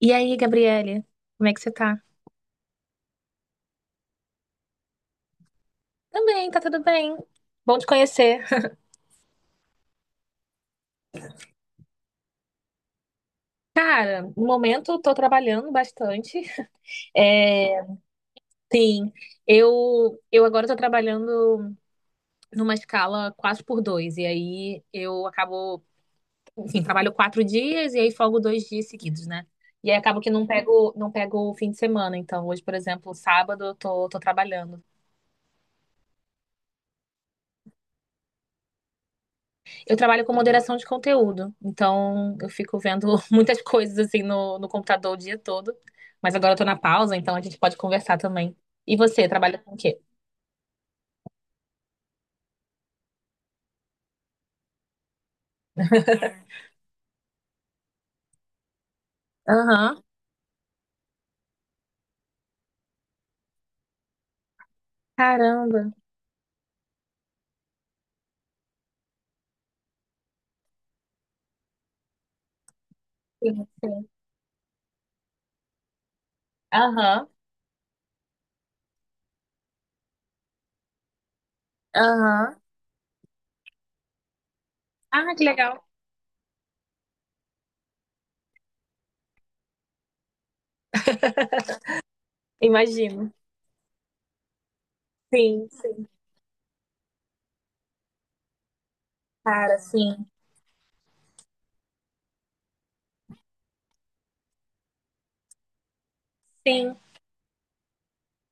E aí, Gabriele, como é que você tá? Também, tá tudo bem. Bom te conhecer. Cara, no momento eu tô trabalhando bastante. É, sim, eu agora tô trabalhando numa escala 4 por dois. E aí eu acabo. Trabalho quatro dias e aí folgo dois dias seguidos, né? E aí acabo que não pego o fim de semana. Então, hoje, por exemplo, sábado eu tô trabalhando. Eu trabalho com moderação de conteúdo, então eu fico vendo muitas coisas assim no computador o dia todo. Mas agora eu tô na pausa, então a gente pode conversar também. E você, trabalha com o quê? Aham. Caramba. Sim, sim. Aham. Aham. Ah, que legal. Imagino. Sim, sim. Cara, sim. Sim.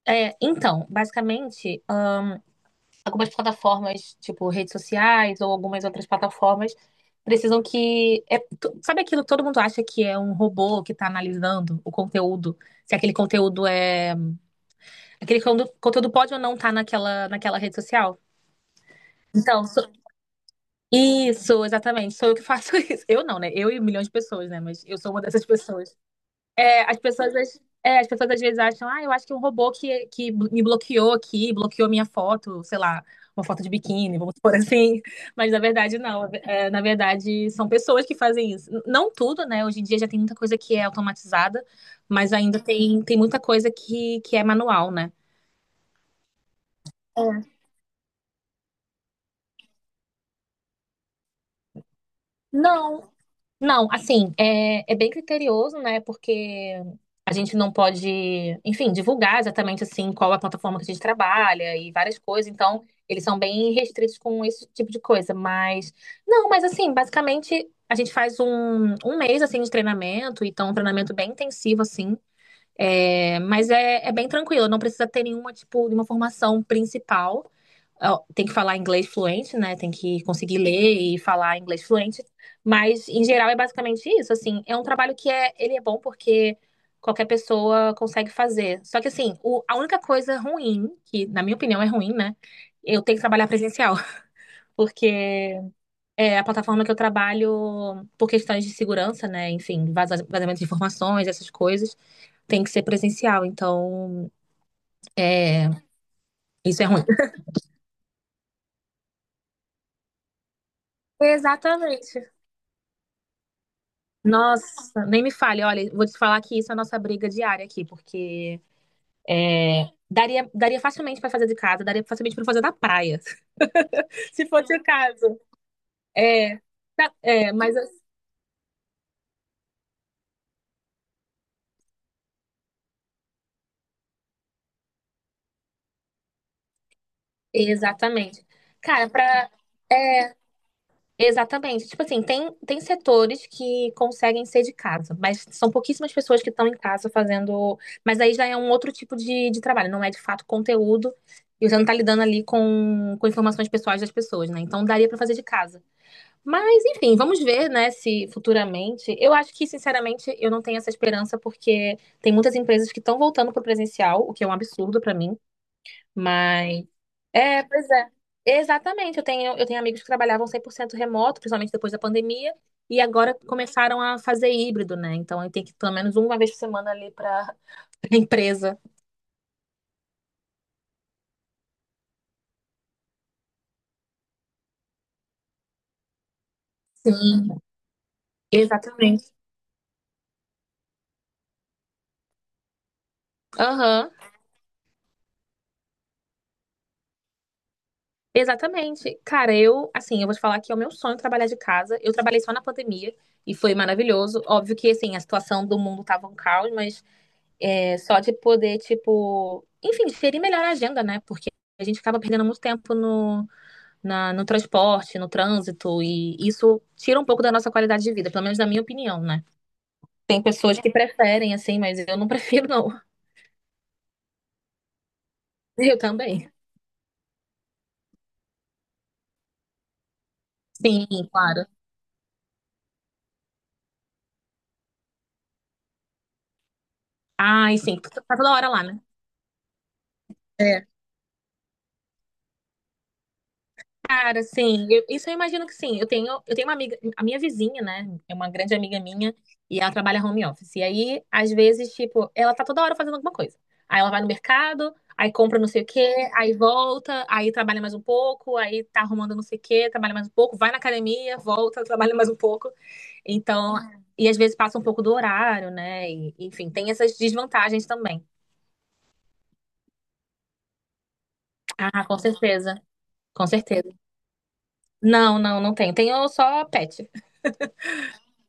É, então, basicamente, algumas plataformas, tipo redes sociais ou algumas outras plataformas, precisam que sabe aquilo que todo mundo acha que é um robô que está analisando o conteúdo? Se aquele conteúdo é. Aquele conteúdo pode ou não estar naquela rede social? Então, sou- isso, exatamente. Sou eu que faço isso. Eu não, né? Eu e milhões de pessoas, né? Mas eu sou uma dessas pessoas. É, as é, as pessoas às vezes acham, ah, eu acho que é um robô que me bloqueou aqui, bloqueou minha foto, sei lá, uma foto de biquíni, vamos por assim. Mas na verdade, não. É, na verdade, são pessoas que fazem isso. Não tudo, né? Hoje em dia já tem muita coisa que é automatizada, mas ainda tem muita coisa que é manual, né? É. Não, Não, assim, é bem criterioso, né? Porque a gente não pode, enfim, divulgar exatamente assim qual é a plataforma que a gente trabalha e várias coisas. Então, eles são bem restritos com esse tipo de coisa. Mas, não, mas assim, basicamente a gente faz um mês assim de treinamento, então é um treinamento bem intensivo assim. É, mas é bem tranquilo, não precisa ter nenhuma, tipo, nenhuma formação principal. Ó, tem que falar inglês fluente, né? Tem que conseguir ler e falar inglês fluente. Mas, em geral, é basicamente isso. Assim, é um trabalho que é, ele é bom porque qualquer pessoa consegue fazer. Só que, assim, a única coisa ruim, que na minha opinião é ruim, né? Eu tenho que trabalhar presencial, porque é a plataforma que eu trabalho por questões de segurança, né? Enfim, vazamento de informações, essas coisas, tem que ser presencial. Então, é, isso é ruim. Exatamente. Nossa, nem me fale. Olha, vou te falar que isso é a nossa briga diária aqui, porque é, daria facilmente pra fazer de casa, daria facilmente pra fazer da praia, se fosse o caso. É, é, mas assim, exatamente. Cara, pra é, exatamente. Tipo assim, tem setores que conseguem ser de casa, mas são pouquíssimas pessoas que estão em casa fazendo. Mas aí já é um outro tipo de trabalho, não é de fato conteúdo, e você não tá lidando ali com informações pessoais das pessoas, né? Então daria pra fazer de casa. Mas, enfim, vamos ver, né, se futuramente. Eu acho que, sinceramente, eu não tenho essa esperança, porque tem muitas empresas que estão voltando para o presencial, o que é um absurdo para mim. Mas. É, pois é. Exatamente. Eu tenho amigos que trabalhavam 100% remoto, principalmente depois da pandemia, e agora começaram a fazer híbrido, né? Então, eu tenho que ir pelo menos uma vez por semana ali para a empresa. Sim, exatamente. Aham. Exatamente. Cara, eu, assim, eu vou te falar que é o meu sonho trabalhar de casa. Eu trabalhei só na pandemia e foi maravilhoso. Óbvio que, assim, a situação do mundo tava um caos, mas é, só de poder, tipo, enfim, gerir melhor a agenda, né? Porque a gente acaba perdendo muito tempo no transporte, no trânsito, e isso tira um pouco da nossa qualidade de vida, pelo menos na minha opinião, né? Tem pessoas que preferem, assim, mas eu não prefiro, não. Eu também. Sim, claro. Ai, sim, tá toda hora lá, né? É. Cara, sim, isso eu imagino que sim. Eu tenho uma amiga, a minha vizinha, né? É uma grande amiga minha e ela trabalha home office. E aí, às vezes, tipo, ela tá toda hora fazendo alguma coisa. Aí ela vai no mercado, aí compra não sei o quê, aí volta, aí trabalha mais um pouco, aí tá arrumando não sei o quê, trabalha mais um pouco, vai na academia, volta, trabalha mais um pouco. Então, e às vezes passa um pouco do horário, né? E, enfim, tem essas desvantagens também. Ah, com certeza, com certeza. Não, não tenho. Tenho só pet.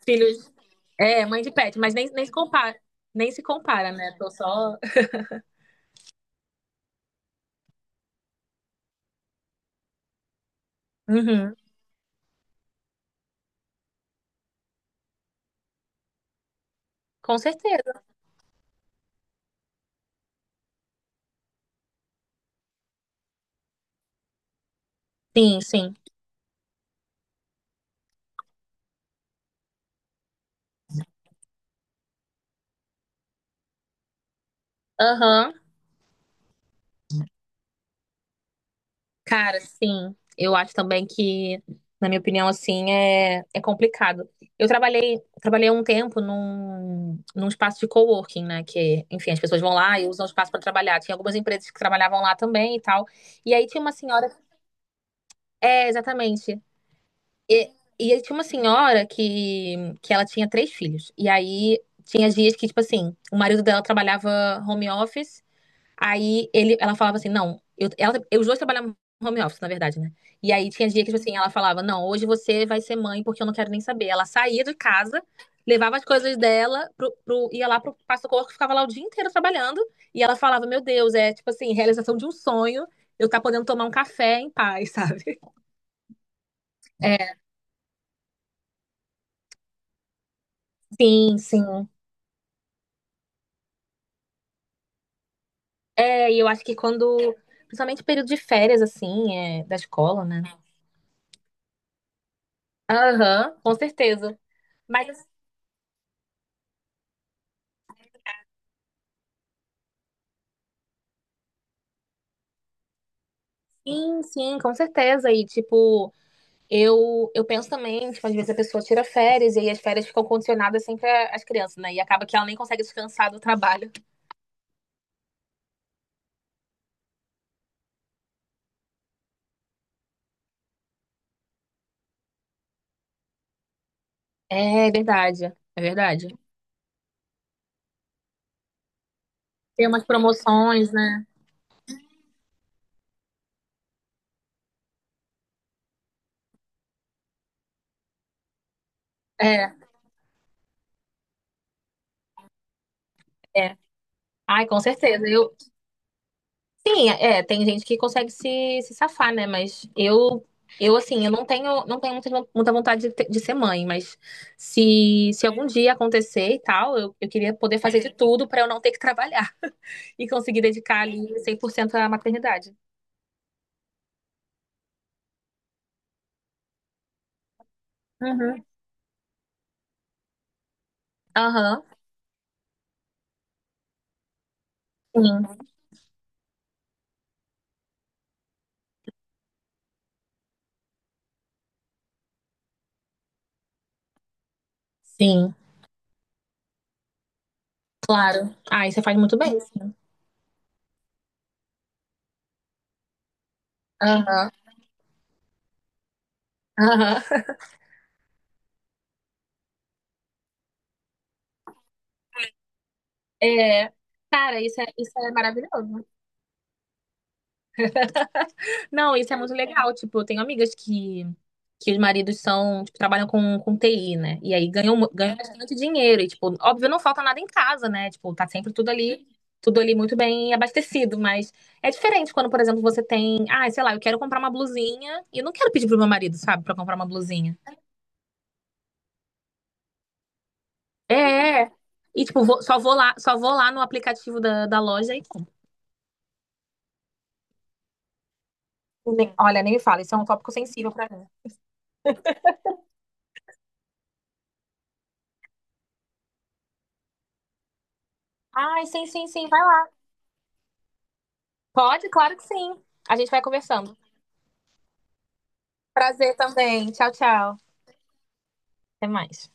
Filhos. É, mãe de pet, mas nem se compara, nem se compara, né? Tô só. Uhum. Com certeza. Sim, sim. Aham. Cara, sim. Eu acho também que, na minha opinião, assim, é, é complicado. Eu trabalhei um tempo num espaço de coworking, né? Que, enfim, as pessoas vão lá e usam o espaço para trabalhar. Tinha algumas empresas que trabalhavam lá também e tal. E aí tinha uma senhora. É, exatamente. E, e aí tinha uma senhora que ela tinha 3 filhos. E aí tinha dias que, tipo assim, o marido dela trabalhava home office. Aí ele, ela falava assim, não, eu, ela, eu- os dois trabalhavam home office, na verdade, né? E aí tinha dia que, tipo assim, ela falava, não, hoje você vai ser mãe porque eu não quero nem saber. Ela saía de casa, levava as coisas dela, ia lá pro passa-corpo, ficava lá o dia inteiro trabalhando. E ela falava, meu Deus, é tipo assim, realização de um sonho, eu tá podendo tomar um café em paz, sabe? É, sim, sim. É, e eu acho que quando. Principalmente período de férias, assim, é, da escola, né? Aham, com certeza. Mas assim, sim, com certeza. E, tipo, eu penso também, tipo, às vezes a pessoa tira férias e aí as férias ficam condicionadas sempre às crianças, né? E acaba que ela nem consegue descansar do trabalho. É verdade, é verdade. Tem umas promoções, né? É, é. Ai, com certeza. Eu, sim, é, tem gente que consegue se safar, né? Mas eu assim, eu não tenho muita, muita vontade de, de ser mãe, mas se algum dia acontecer e tal, eu queria poder fazer de tudo pra eu não ter que trabalhar e conseguir dedicar ali 100% à maternidade. Uhum. Aham. Sim, sim, claro. Ah, isso você faz muito bem. Aham. Aham. É, cara, isso é maravilhoso. Não, isso é muito legal. Tipo, eu tenho amigas que os maridos são, tipo, trabalham com TI, né? E aí ganham, ganham bastante dinheiro. E, tipo, óbvio, não falta nada em casa, né? Tipo, tá sempre tudo ali muito bem abastecido. Mas é diferente quando, por exemplo, você tem, ah, sei lá, eu quero comprar uma blusinha e eu não quero pedir pro meu marido, sabe, pra comprar uma blusinha. É. E, tipo, só vou lá no aplicativo da loja e compro. Olha, nem me fala, isso é um tópico sensível pra mim. Ai, sim, sim, sim, vai lá. Pode, claro que sim. A gente vai conversando. Prazer também. Tchau, tchau. Até mais.